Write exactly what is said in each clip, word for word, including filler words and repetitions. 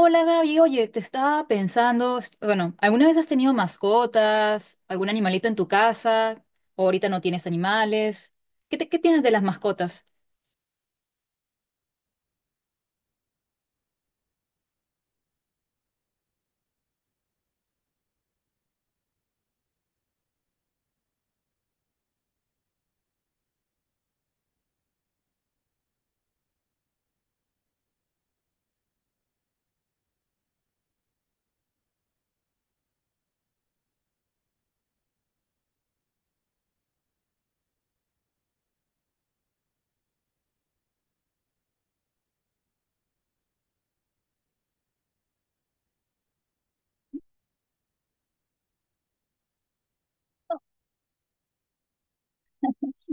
Hola Gaby, oye, te estaba pensando, es- bueno, ¿alguna vez has tenido mascotas, algún animalito en tu casa? ¿O ahorita no tienes animales? ¿Qué te- qué piensas de las mascotas?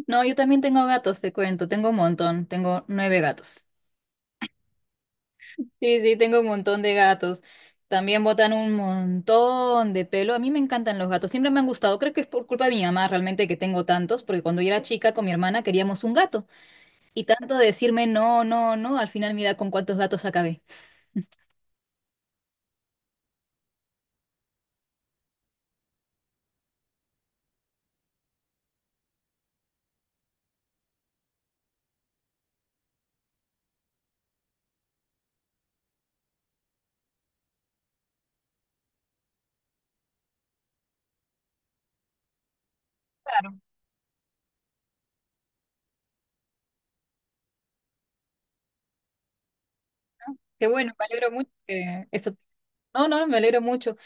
No, yo también tengo gatos, te cuento, tengo un montón, tengo nueve gatos. Sí, sí, tengo un montón de gatos. También botan un montón de pelo. A mí me encantan los gatos, siempre me han gustado. Creo que es por culpa de mi mamá realmente que tengo tantos, porque cuando yo era chica con mi hermana queríamos un gato. Y tanto decirme no, no, no, al final mira con cuántos gatos acabé. Qué bueno, me alegro mucho que eso. No, no, me alegro mucho.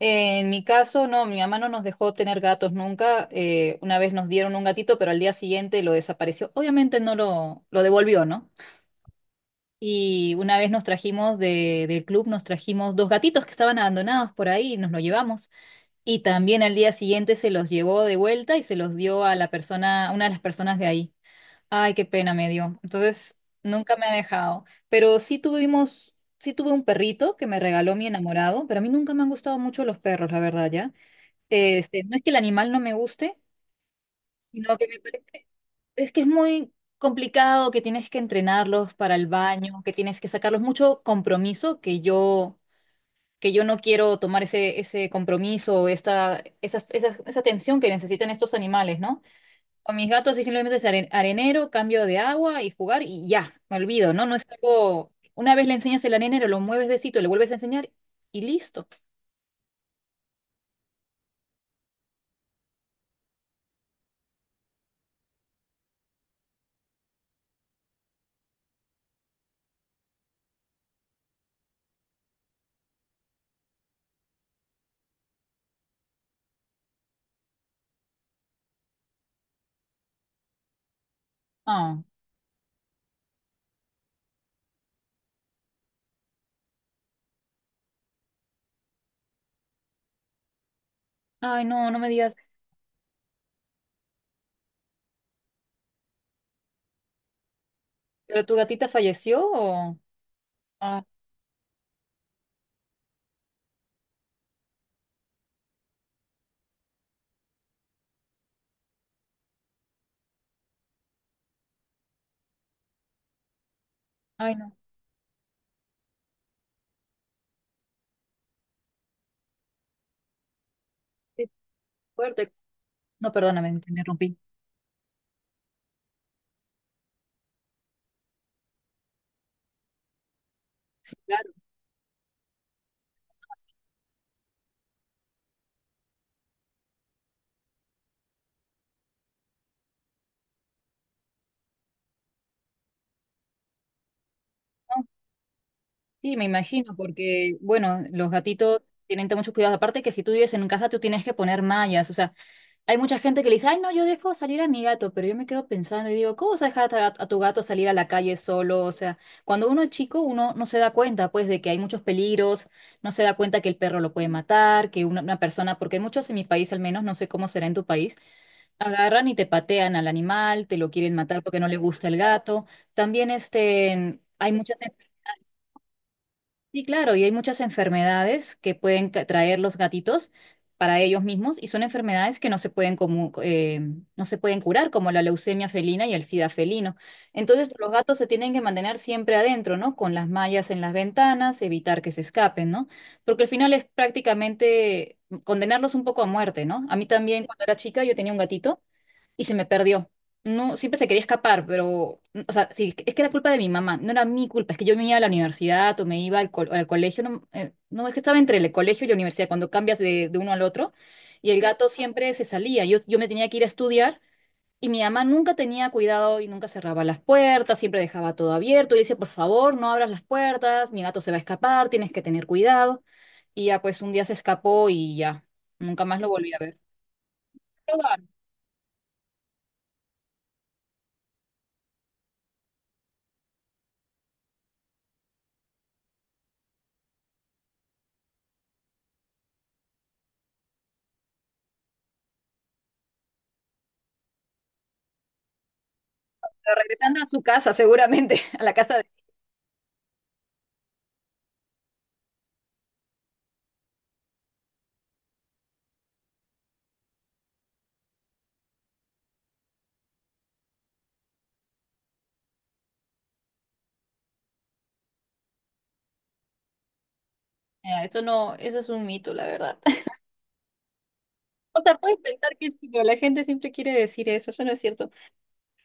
Eh, en mi caso, no, mi mamá no nos dejó tener gatos nunca. Eh, una vez nos dieron un gatito, pero al día siguiente lo desapareció. Obviamente no lo, lo devolvió, ¿no? Y una vez nos trajimos de- del club, nos trajimos dos gatitos que estaban abandonados por ahí, y nos los llevamos. Y también al día siguiente se los llevó de vuelta y se los dio a la persona, una de las personas de ahí. Ay, qué pena me dio. Entonces, nunca me ha dejado. Pero sí tuvimos, sí tuve un perrito que me regaló mi enamorado, pero a mí nunca me han gustado mucho los perros, la verdad, ¿ya? Este, no es que el animal no me guste, sino que me parece, es que es muy complicado, que tienes que entrenarlos para el baño, que tienes que sacarlos mucho compromiso, que yo, que yo no quiero tomar ese, ese compromiso, esta, esa, esa, esa atención que necesitan estos animales, ¿no? Con mis gatos sí simplemente es are- arenero, cambio de agua y jugar y ya, me olvido, ¿no? No es algo, una vez le enseñas el arenero, lo mueves de sitio, le vuelves a enseñar y listo. Ah, ay, no, no me digas, ¿pero tu gatita falleció o...? Ah, ay, no, qué fuerte. No, perdóname, te interrumpí. Sí, claro, ¿no? Sí, me imagino, porque, bueno, los gatitos tienen que tener mucho cuidado. Aparte que si tú vives en casa, tú tienes que poner mallas, o sea, hay mucha gente que le dice, ay, no, yo dejo salir a mi gato, pero yo me quedo pensando y digo, ¿cómo vas a dejar a tu a tu gato salir a la calle solo? O sea, cuando uno es chico, uno no se da cuenta, pues, de que hay muchos peligros, no se da cuenta que el perro lo puede matar, que una, una persona, porque muchos en mi país al menos, no sé cómo será en tu país, agarran y te patean al animal, te lo quieren matar porque no le gusta el gato. También, este, hay muchas. Sí, claro, y hay muchas enfermedades que pueden ca- traer los gatitos para ellos mismos y son enfermedades que no se pueden comu- eh, no se pueden curar, como la leucemia felina y el sida felino. Entonces, los gatos se tienen que mantener siempre adentro, ¿no? Con las mallas en las ventanas, evitar que se escapen, ¿no? Porque al final es prácticamente mm, condenarlos un poco a muerte, ¿no? A mí también, cuando era chica, yo tenía un gatito y se me perdió. No, siempre se quería escapar, pero, o sea, sí, es que era culpa de mi mamá, no era mi culpa, es que yo me iba a la universidad o me iba al, co- al colegio, no, eh, no, es que estaba entre el colegio y la universidad, cuando cambias de, de uno al otro, y el gato siempre se salía, yo, yo me tenía que ir a estudiar, y mi mamá nunca tenía cuidado y nunca cerraba las puertas, siempre dejaba todo abierto, y decía, por favor, no abras las puertas, mi gato se va a escapar, tienes que tener cuidado, y ya pues un día se escapó y ya, nunca más lo volví a ver. Pero regresando a su casa, seguramente, a la casa de... Eh, Eso no, eso es un mito, la verdad. O sea, puedes pensar que sí, pero la gente siempre quiere decir eso, eso no es cierto.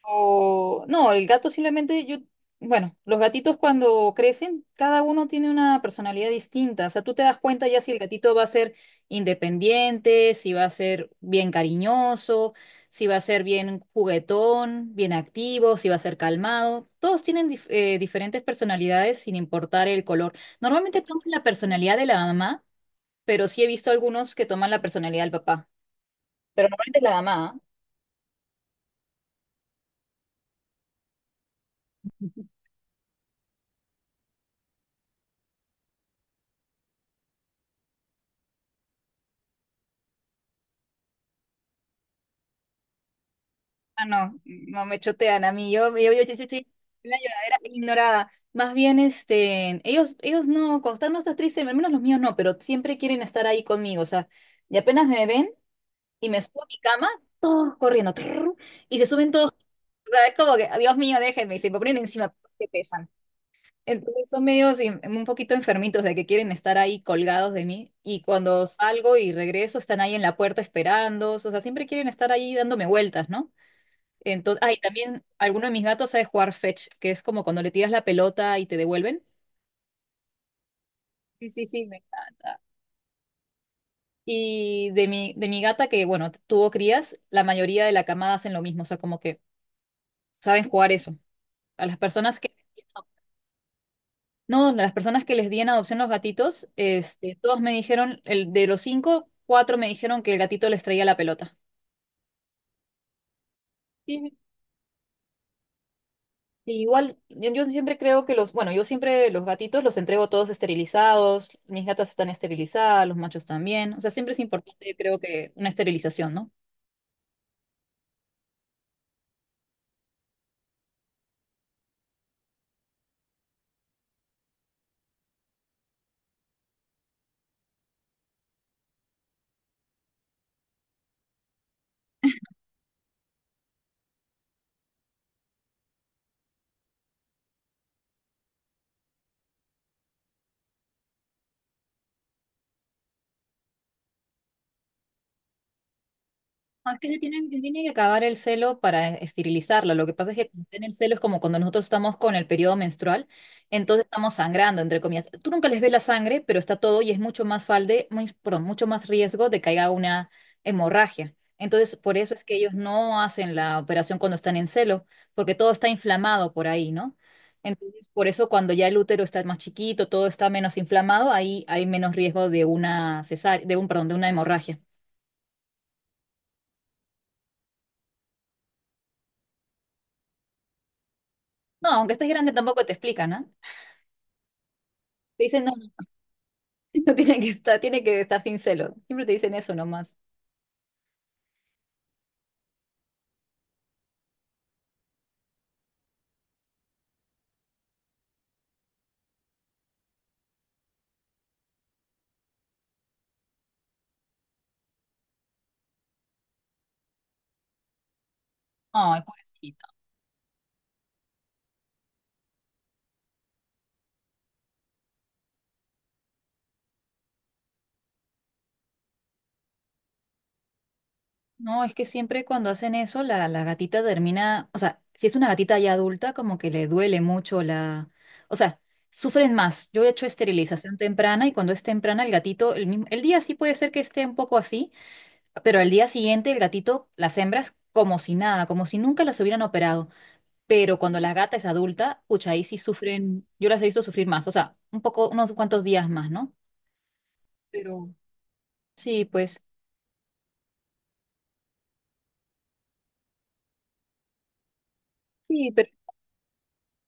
O, no, el gato simplemente yo, bueno, los gatitos cuando crecen, cada uno tiene una personalidad distinta. O sea, tú te das cuenta ya si el gatito va a ser independiente, si va a ser bien cariñoso, si va a ser bien juguetón, bien activo, si va a ser calmado. Todos tienen dif- eh, diferentes personalidades sin importar el color. Normalmente toman la personalidad de la mamá, pero sí he visto algunos que toman la personalidad del papá. Pero normalmente es la mamá. ¿Ah? Ah, no, no me chotean a mí. Yo, yo, yo sí- sí estoy en la lloradera ignorada. Más bien, este, ellos, ellos no, cuando están, no estás triste, al menos los míos no, pero siempre quieren estar ahí conmigo. O sea, y apenas me ven y me subo a mi cama, todos corriendo, trrr, y se suben todos. O sea, es como que, Dios mío, déjenme, y se me ponen encima, que pesan. Entonces son medios en- un poquito enfermitos de que quieren estar ahí colgados de mí. Y cuando salgo y regreso, están ahí en la puerta esperando. O sea, siempre quieren estar ahí dándome vueltas, ¿no? Entonces, ah, y también alguno de mis gatos sabe jugar fetch, que es como cuando le tiras la pelota y te devuelven. Sí, sí, sí, me encanta. Y de mi, de mi gata, que bueno, t- tuvo crías, la mayoría de la camada hacen lo mismo, o sea, como que saben jugar eso. A las personas que... No, las personas que les di en adopción los gatitos, este, todos me dijeron, el, de los cinco, cuatro me dijeron que el gatito les traía la pelota. Sí, igual, yo, yo siempre creo que los, bueno, yo siempre los gatitos los entrego todos esterilizados, mis gatas están esterilizadas, los machos también, o sea, siempre es importante, yo creo que una esterilización, ¿no? No, es que se tienen, se tiene que acabar el celo para esterilizarlo. Lo que pasa es que cuando está en el celo es como cuando nosotros estamos con el periodo menstrual, entonces estamos sangrando, entre comillas. Tú nunca les ves la sangre, pero está todo y es mucho más falde, muy, perdón, mucho más riesgo de que haya una hemorragia. Entonces, por eso es que ellos no hacen la operación cuando están en celo, porque todo está inflamado por ahí, ¿no? Entonces, por eso cuando ya el útero está más chiquito, todo está menos inflamado, ahí hay menos riesgo de una cesárea, de un, perdón, de una hemorragia. No, aunque estés grande tampoco te explican, ¿ah? Te dicen, no, no, no tiene que estar, tiene que estar sin celo. Siempre te dicen eso nomás. Ay, pobrecita. No, es que siempre cuando hacen eso, la, la gatita termina, o sea, si es una gatita ya adulta, como que le duele mucho la, o sea, sufren más. Yo he hecho esterilización temprana y cuando es temprana el gatito, el mismo, el día sí puede ser que esté un poco así, pero al día siguiente el gatito, las hembras, como si nada, como si nunca las hubieran operado. Pero cuando la gata es adulta, pucha, ahí sí sufren, yo las he visto sufrir más, o sea, un poco, unos cuantos días más, ¿no? Pero sí, pues sí, pero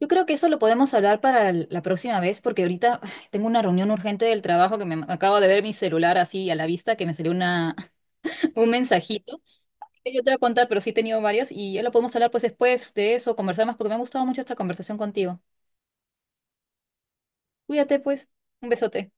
yo creo que eso lo podemos hablar para l- la próxima vez, porque ahorita ay, tengo una reunión urgente del trabajo que me me acabo de ver mi celular así a la vista, que me salió una, un mensajito. Que yo te voy a contar, pero sí he tenido varias y ya lo podemos hablar pues después de eso, conversar más, porque me ha gustado mucho esta conversación contigo. Cuídate pues, un besote.